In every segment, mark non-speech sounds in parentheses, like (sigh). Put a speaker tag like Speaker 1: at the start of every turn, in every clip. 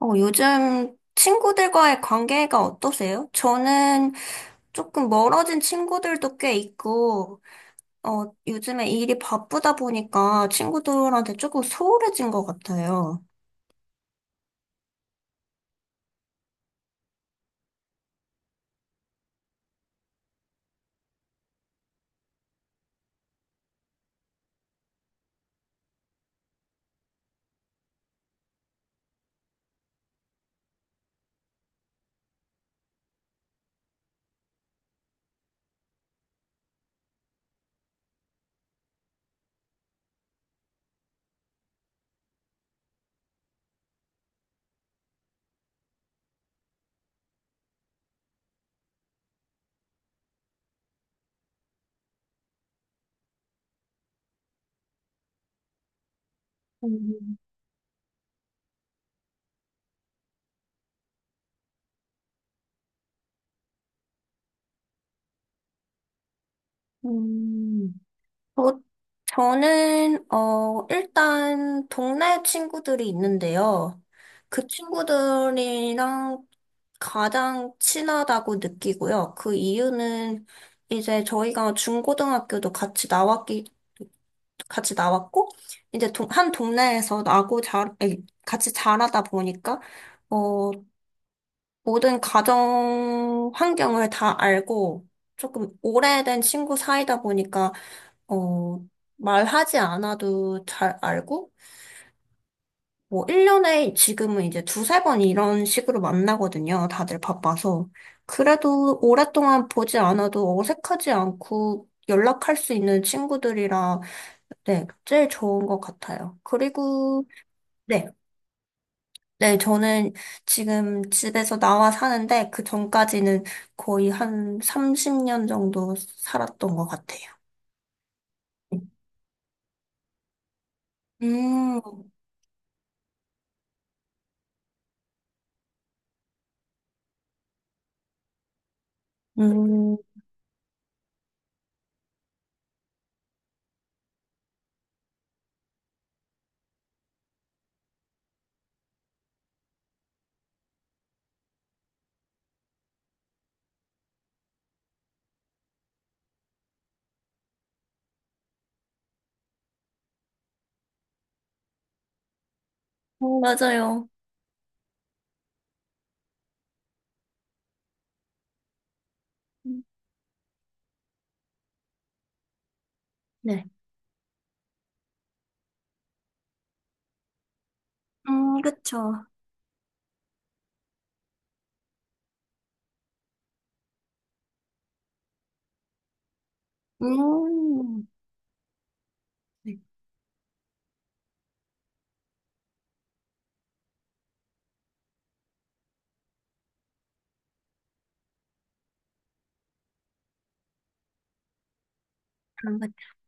Speaker 1: 요즘 친구들과의 관계가 어떠세요? 저는 조금 멀어진 친구들도 꽤 있고, 요즘에 일이 바쁘다 보니까 친구들한테 조금 소홀해진 것 같아요. 음, 음. 저, 저는, 일단, 동네 친구들이 있는데요. 그 친구들이랑 가장 친하다고 느끼고요. 그 이유는 이제 저희가 중고등학교도 같이 같이 나왔고, 이제 한 동네에서 나고 자, 아니, 같이 자라다 보니까, 어, 모든 가정 환경을 다 알고, 조금 오래된 친구 사이다 보니까 어, 말하지 않아도 잘 알고, 뭐, 1년에 지금은 이제 두세 번 이런 식으로 만나거든요. 다들 바빠서. 그래도 오랫동안 보지 않아도 어색하지 않고 연락할 수 있는 친구들이라, 네, 제일 좋은 것 같아요. 그리고, 네. 네, 저는 지금 집에서 나와 사는데 그 전까지는 거의 한 30년 정도 살았던 것 같아요. 음, 음, 맞아요. 네. 그쵸. 음, 네, 그런 것 같아요.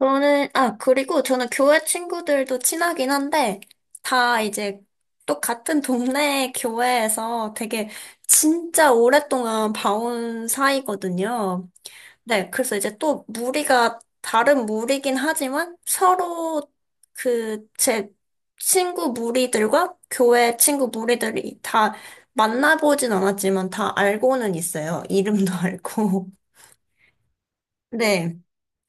Speaker 1: 아, 그리고 저는 교회 친구들도 친하긴 한데, 다 이제 또 같은 동네 교회에서 되게 진짜 오랫동안 봐온 사이거든요. 네, 그래서 이제 또 무리가 다른 무리긴 하지만 서로 그 제 친구 무리들과 교회 친구 무리들이 다 만나보진 않았지만 다 알고는 있어요. 이름도 (laughs) 알고. 네.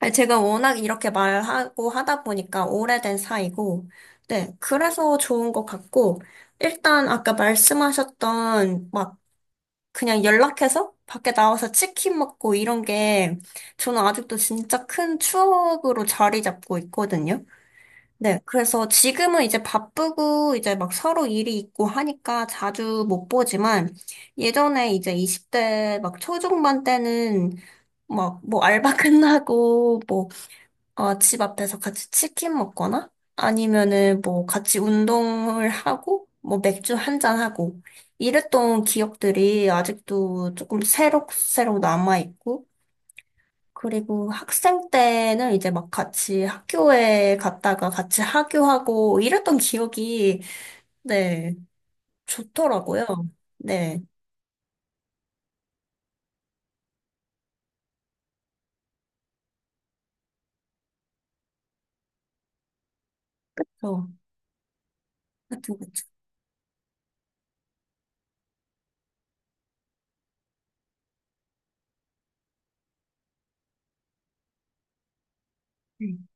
Speaker 1: 아니, 제가 워낙 이렇게 말하고 하다 보니까 오래된 사이고, 네. 그래서 좋은 것 같고, 일단 아까 말씀하셨던 막 그냥 연락해서 밖에 나와서 치킨 먹고 이런 게 저는 아직도 진짜 큰 추억으로 자리 잡고 있거든요. 네. 그래서 지금은 이제 바쁘고 이제 막 서로 일이 있고 하니까 자주 못 보지만 예전에 이제 20대 막 초중반 때는 막 뭐 알바 (laughs) 끝나고 뭐 집 앞에서 같이 치킨 먹거나 아니면은 뭐 같이 운동을 하고 뭐 맥주 한 잔 하고 이랬던 기억들이 아직도 조금 새록새록 남아있고 그리고 학생 때는 이제 막 같이 학교에 갔다가 같이 하교하고 이랬던 기억이, 네, 좋더라고요. 네. 그래서 하여튼 그쵸. 음,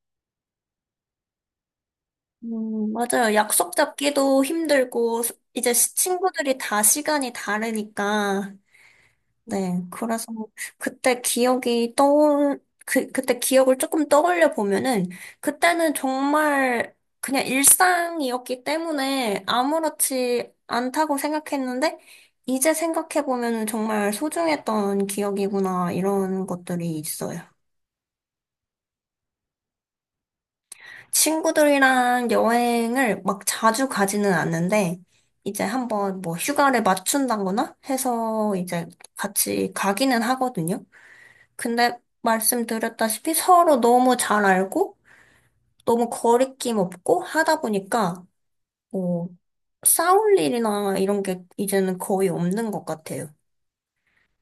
Speaker 1: 맞아요. 약속 잡기도 힘들고 이제 친구들이 다 시간이 다르니까 네, 그래서 그때 기억이 그때 기억을 조금 떠올려 보면은, 그때는 정말 그냥 일상이었기 때문에 아무렇지 않다고 생각했는데, 이제 생각해 보면은 정말 소중했던 기억이구나, 이런 것들이 있어요. 친구들이랑 여행을 막 자주 가지는 않는데, 이제 한번 뭐 휴가를 맞춘다거나 해서 이제 같이 가기는 하거든요. 근데 말씀드렸다시피 서로 너무 잘 알고 너무 거리낌 없고 하다 보니까 뭐 싸울 일이나 이런 게 이제는 거의 없는 것 같아요.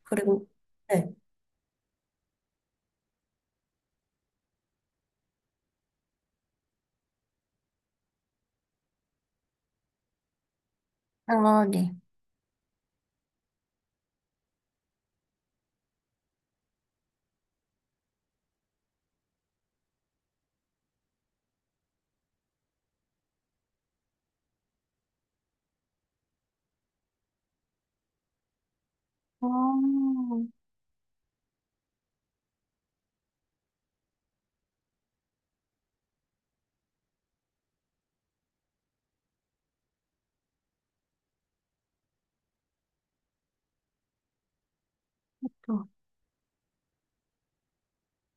Speaker 1: 그리고 네. 아, 네. 아, 또.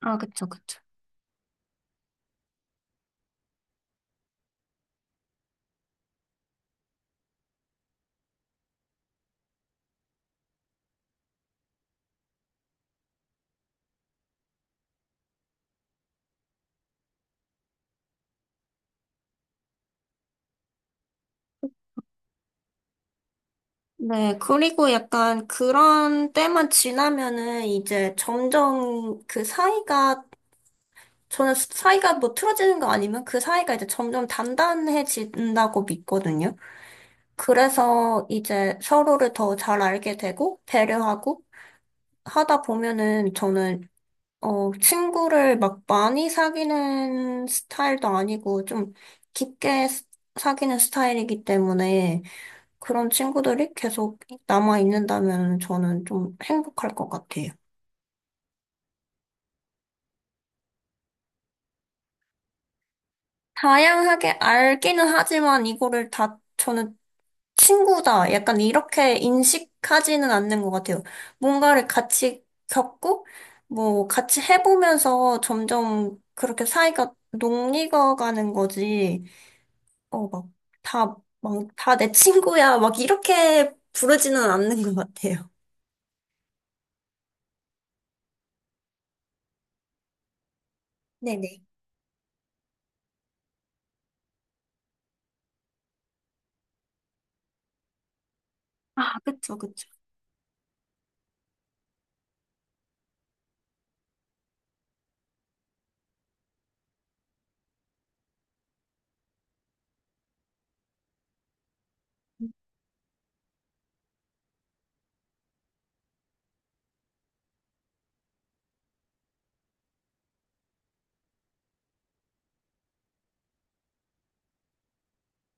Speaker 1: 아, 그쵸, 그쵸. 네, 그리고 약간 그런 때만 지나면은 이제 점점 그 사이가, 저는 사이가 뭐 틀어지는 거 아니면 그 사이가 이제 점점 단단해진다고 믿거든요. 그래서 이제 서로를 더 잘 알게 되고 배려하고 하다 보면은 저는 친구를 막 많이 사귀는 스타일도 아니고 좀 깊게 사귀는 스타일이기 때문에 그런 친구들이 계속 남아 있는다면 저는 좀 행복할 것 같아요. 다양하게 알기는 하지만 이거를 다 저는 친구다. 약간 이렇게 인식하지는 않는 것 같아요. 뭔가를 같이 겪고, 뭐, 같이 해보면서 점점 그렇게 사이가 녹익어 가는 거지. 어, 막, 다, 다 내 친구야. 막, 이렇게 부르지는 않는 것 같아요. 네네. 아, 그쵸, 그쵸.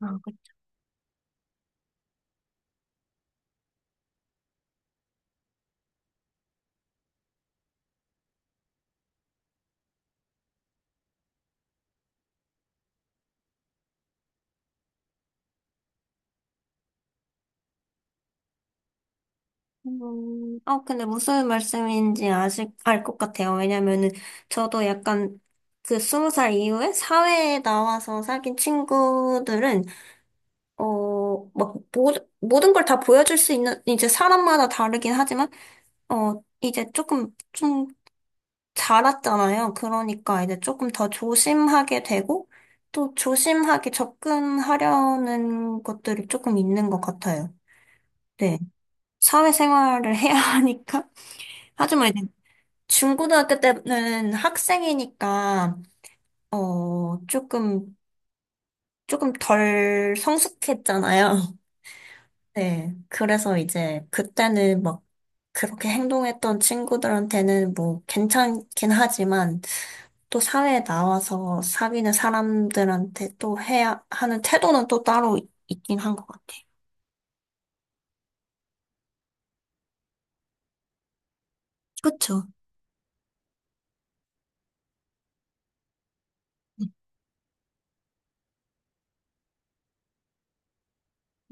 Speaker 1: 아, 근데 무슨 말씀인지 아직 알 것 같아요. 왜냐면은 저도 약간 그 20살 이후에 사회에 나와서 사귄 친구들은 막, 모든 걸 다 보여줄 수 있는, 이제 사람마다 다르긴 하지만, 이제 조금, 좀 자랐잖아요. 그러니까 이제 조금 더 조심하게 되고, 또 조심하게 접근하려는 것들이 조금 있는 것 같아요. 네. 사회생활을 해야 (laughs) 하니까. 하지만 이제 중고등학교 때는 학생이니까, 어, 조금, 조금 덜 성숙했잖아요. 네, 그래서 이제 그때는 막 그렇게 행동했던 친구들한테는 뭐 괜찮긴 하지만 또 사회에 나와서 사귀는 사람들한테 또 해야 하는 태도는 또 따로 있긴 한 것 같아요. 그쵸?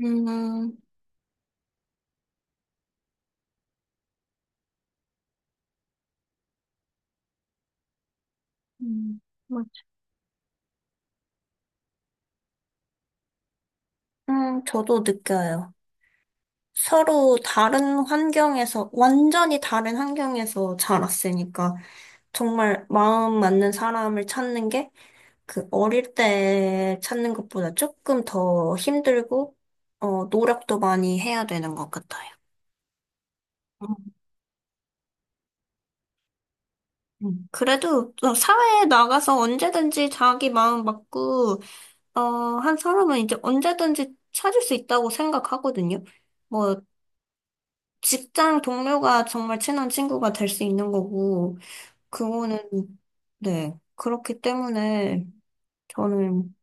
Speaker 1: 음, 음, 맞- 저도 느껴요. 서로 다른 환경에서, 완전히 다른 환경에서 자랐으니까 정말 마음 맞는 사람을 찾는 게 그 어릴 때 찾는 것보다 조금 더 힘들고, 노력도 많이 해야 되는 것 같아요. 음. 음. 그래도 또 사회에 나가서 언제든지 자기 마음 맞고, 한 사람은 이제 언제든지 찾을 수 있다고 생각하거든요. 뭐, 직장 동료가 정말 친한 친구가 될 수 있는 거고, 그거는, 네, 그렇기 때문에 저는,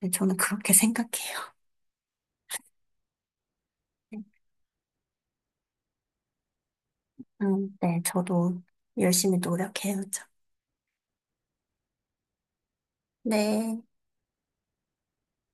Speaker 1: 네, 저는 그렇게 생각해요. 네, 저도 열심히 노력해야죠. 네,